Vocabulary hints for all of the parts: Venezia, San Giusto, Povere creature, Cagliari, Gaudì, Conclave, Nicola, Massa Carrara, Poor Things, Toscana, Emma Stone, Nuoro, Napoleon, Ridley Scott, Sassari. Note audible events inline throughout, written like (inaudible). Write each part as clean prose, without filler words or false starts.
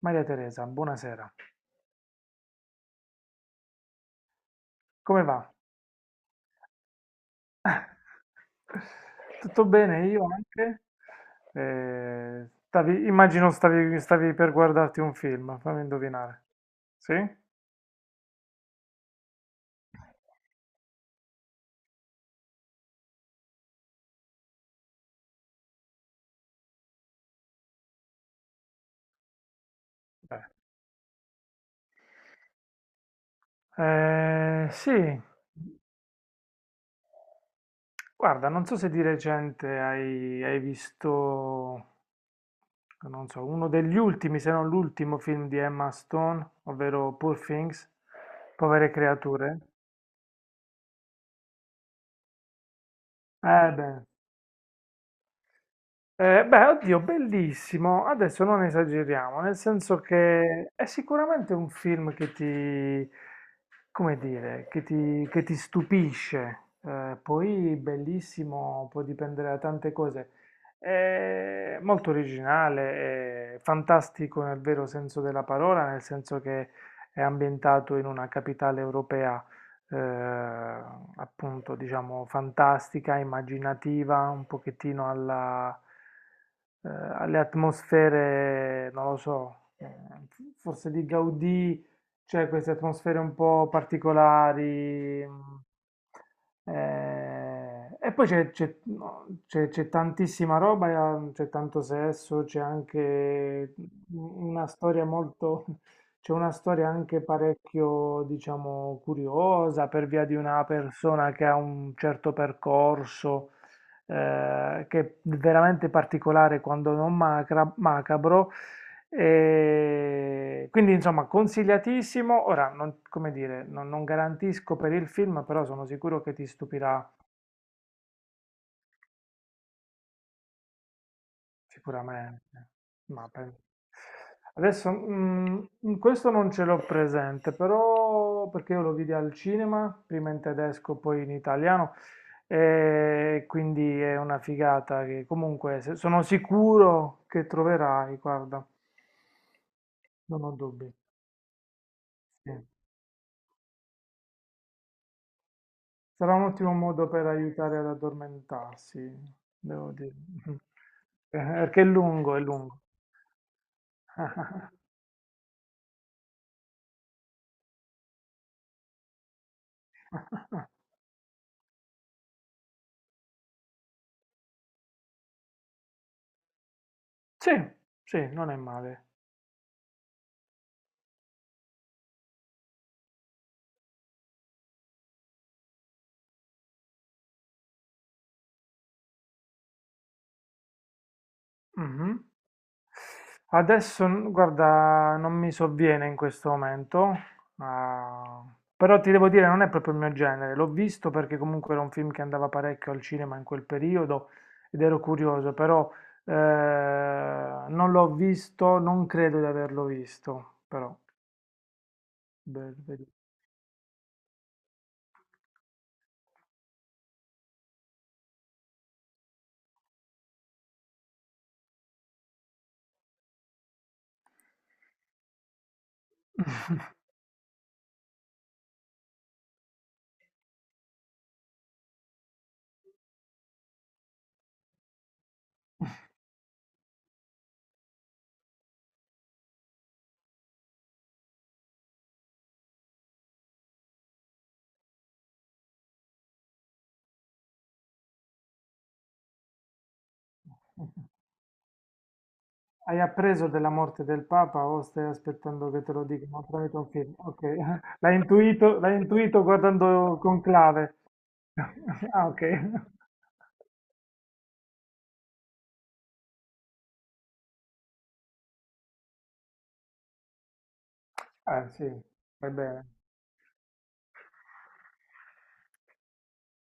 Maria Teresa, buonasera. Come va? Tutto bene? Io anche? Immagino stavi per guardarti un film, fammi indovinare. Sì? Beh. Eh, sì, Guarda, non so se di recente hai visto, non so, uno degli ultimi, se non l'ultimo film di Emma Stone, ovvero Poor Things, Povere creature. Eh beh, oddio, bellissimo. Adesso non esageriamo, nel senso che è sicuramente un film come dire, che ti stupisce. Poi bellissimo, può dipendere da tante cose. È molto originale, è fantastico nel vero senso della parola, nel senso che è ambientato in una capitale europea, eh, appunto, diciamo, fantastica, immaginativa, un pochettino alle atmosfere, non lo so, forse di Gaudì, c'è queste atmosfere un po' particolari. E poi c'è c'è- no, c'è- c'è tantissima roba, c'è tanto sesso, c'è anche una storia molto... C'è una storia anche parecchio, diciamo, curiosa per via di una persona che ha un certo percorso, che è veramente particolare quando non macabro. E quindi, insomma, consigliatissimo. Ora, non, come dire, non garantisco per il film, però sono sicuro che ti stupirà. Sicuramente, ma pen- in questo non ce l'ho presente, però perché io lo vidi al cinema, prima in tedesco, poi in italiano, e quindi è una figata che comunque sono sicuro che troverai, guarda, non ho dubbi. Sì. Sarà un ottimo modo per aiutare ad addormentarsi, devo dire. (laughs) Perché è lungo, è lungo. Sì, sì, non è male. Mhm. Adesso, guarda, non mi sovviene in questo momento, ah, però ti devo dire, non è proprio il mio genere. L'ho visto perché comunque era un film che andava parecchio al cinema in quel periodo ed ero curioso, però non l'ho visto, non credo di averlo visto, però beh, vedi. Hai appreso della morte del Papa o stai aspettando che te lo dicano tramite un film? Ok, (laughs) l'hai intuito guardando Conclave. (laughs) Ah, ok. Eh sì, va bene.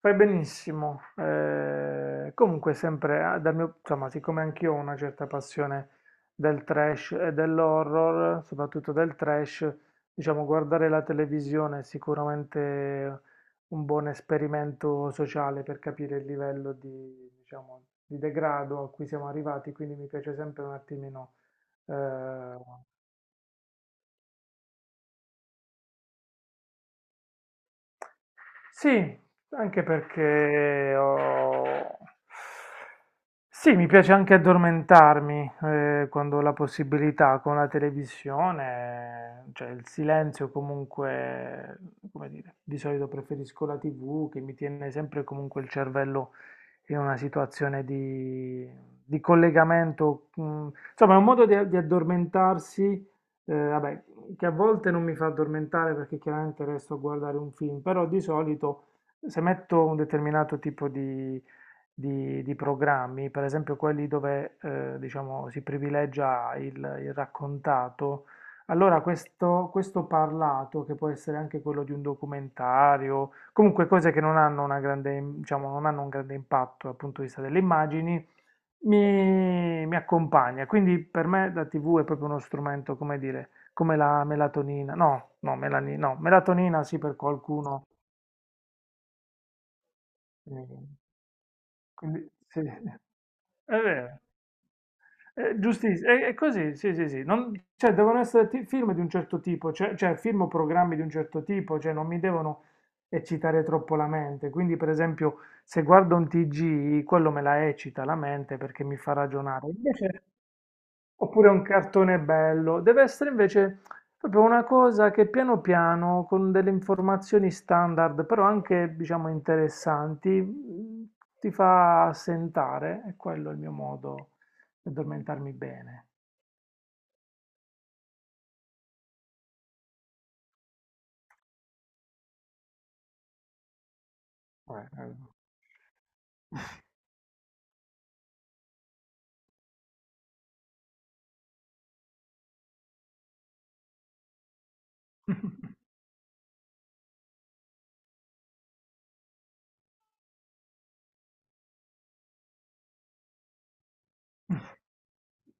Fai benissimo. Comunque sempre, dal mio, insomma, siccome anch'io ho una certa passione del trash e dell'horror, soprattutto del trash, diciamo guardare la televisione è sicuramente un buon esperimento sociale per capire il livello di, diciamo, di degrado a cui siamo arrivati, quindi mi piace sempre un attimino. eh, Sì, anche perché ho... Sì, mi piace anche addormentarmi quando ho la possibilità con la televisione, cioè il silenzio comunque, come dire, di solito preferisco la TV che mi tiene sempre comunque il cervello in una situazione di collegamento. Insomma, è un modo di addormentarsi, vabbè, che a volte non mi fa addormentare perché chiaramente resto a guardare un film, però di solito se metto un determinato tipo di programmi, per esempio quelli dove diciamo, si privilegia il raccontato, allora questo parlato, che può essere anche quello di un documentario, comunque cose che non hanno una grande, diciamo, non hanno un grande impatto dal punto di vista delle immagini, mi accompagna. Quindi per me la TV è proprio uno strumento, come dire, come la melatonina. No, no, melatonina sì per qualcuno. eh, Quindi, sì, (laughs) è vero. È giustissimo, è così, sì, sì, sì. Cioè, devono essere film di un certo tipo, cioè, cioè film o programmi di un certo tipo, cioè non mi devono eccitare troppo la mente. Quindi, per esempio, se guardo un TG, quello me la eccita la mente perché mi fa ragionare. Invece, oppure un cartone bello. Deve essere invece proprio una cosa che piano piano, con delle informazioni standard, però anche, diciamo, interessanti, ti fa assentare. E quello è il mio modo di addormentarmi bene. Eh.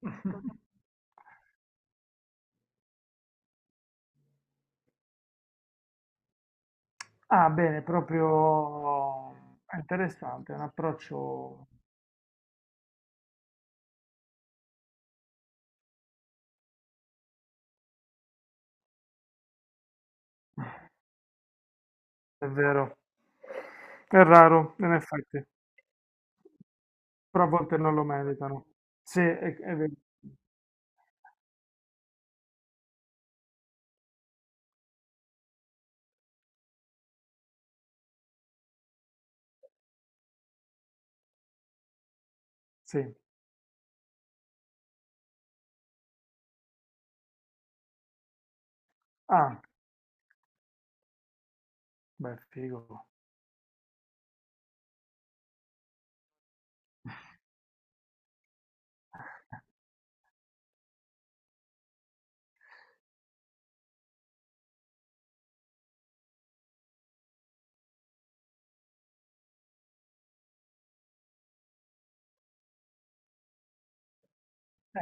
(laughs) Ah, bene, proprio è interessante, è un approccio, è vero, è raro in effetti, però a volte non lo meritano. Sì, è vero. Sì. Ah, beh figo.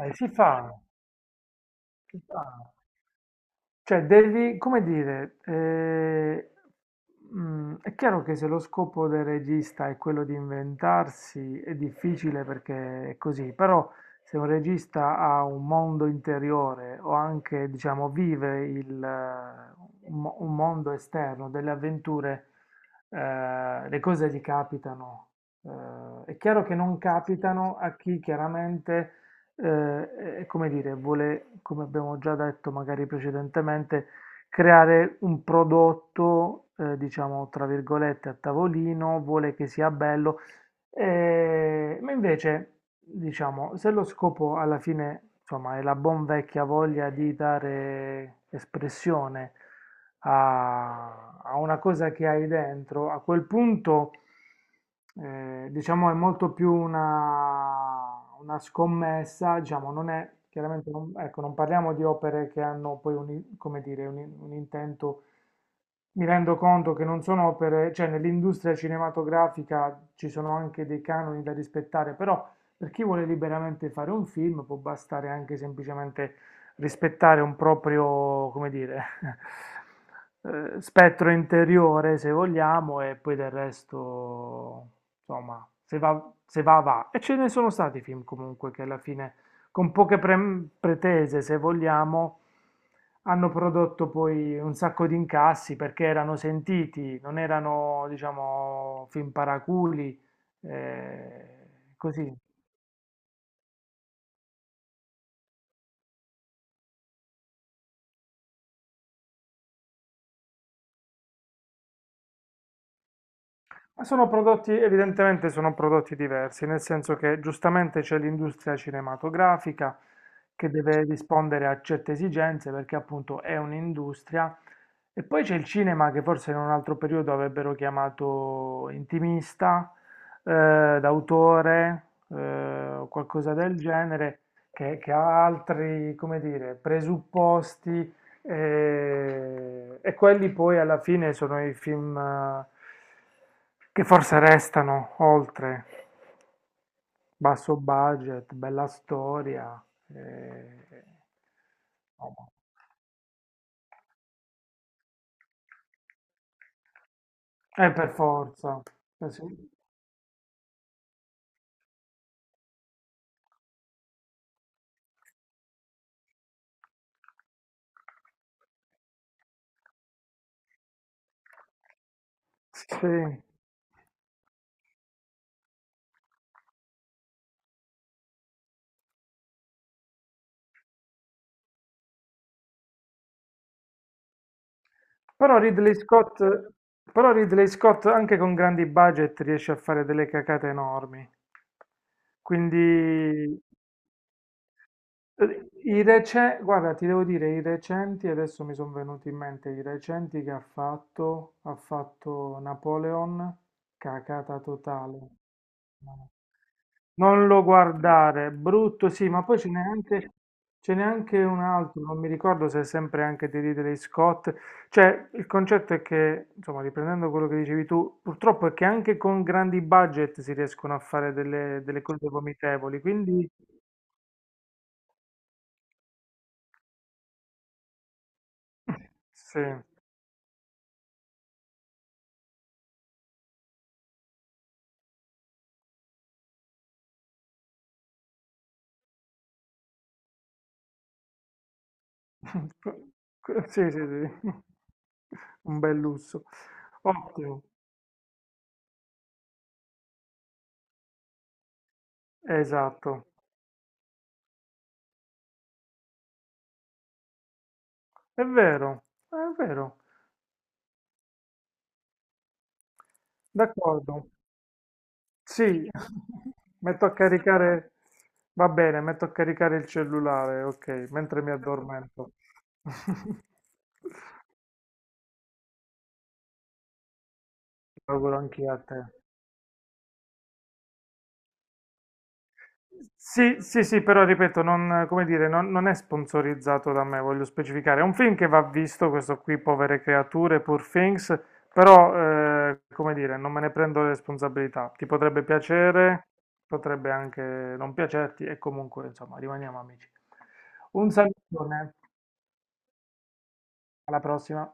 Eh si fa, si fa. Cioè, devi, come dire, è chiaro che se lo scopo del regista è quello di inventarsi, è difficile perché è così, però se un regista ha un mondo interiore o anche, diciamo, vive un mondo esterno, delle avventure, le cose gli capitano. È chiaro che non capitano a chi chiaramente e come dire, vuole, come abbiamo già detto magari precedentemente, creare un prodotto, diciamo, tra virgolette, a tavolino, vuole che sia bello, ma invece, diciamo, se lo scopo alla fine, insomma, è la buon vecchia voglia di dare espressione a una cosa che hai dentro, a quel punto, diciamo, è molto più una scommessa, diciamo, non è, chiaramente non, ecco, non parliamo di opere che hanno poi come dire, un intento, mi rendo conto che non sono opere, cioè nell'industria cinematografica ci sono anche dei canoni da rispettare, però per chi vuole liberamente fare un film può bastare anche semplicemente rispettare un proprio, come dire, (laughs) spettro interiore, se vogliamo, e poi del resto insomma, se va, se va, va. E ce ne sono stati film comunque che alla fine, con poche pretese, se vogliamo, hanno prodotto poi un sacco di incassi perché erano sentiti, non erano, diciamo, film paraculi, eh, così. Ma sono prodotti, evidentemente sono prodotti diversi, nel senso che giustamente c'è l'industria cinematografica che deve rispondere a certe esigenze perché appunto è un'industria, e poi c'è il cinema che forse in un altro periodo avrebbero chiamato intimista, d'autore, o qualcosa del genere, che ha altri, come dire, presupposti e quelli poi alla fine sono i film che forse restano oltre, basso budget, bella storia. eh, per forza. Sì. Sì. Però Ridley Scott, però Ridley Scott anche con grandi budget riesce a fare delle cacate enormi. Quindi guarda, ti devo dire, i recenti, adesso mi sono venuti in mente i recenti che ha fatto Napoleon, cacata totale. No. Non lo guardare, brutto sì, ma poi ce n'è anche un altro, non mi ricordo se è sempre anche di Ridley Scott. Cioè, il concetto è che, insomma, riprendendo quello che dicevi tu, purtroppo è che anche con grandi budget si riescono a fare delle, delle cose vomitevoli, quindi (laughs) sì. (laughs) Que- Sì, sì, sì, (laughs) un bel lusso. Ottimo, esatto. È vero, è vero. D'accordo. Sì, (laughs) metto a caricare, va bene, metto a caricare il cellulare, ok, mentre mi addormento. (laughs) Lo auguro anche a te. Sì, sì, sì, però ripeto, non, come dire, non è sponsorizzato da me, voglio specificare. È un film che va visto, questo qui, Povere creature, Poor Things, però, come dire, non me ne prendo le responsabilità. Ti potrebbe piacere, potrebbe anche non piacerti, e comunque, insomma, rimaniamo amici. Un salutone, alla prossima.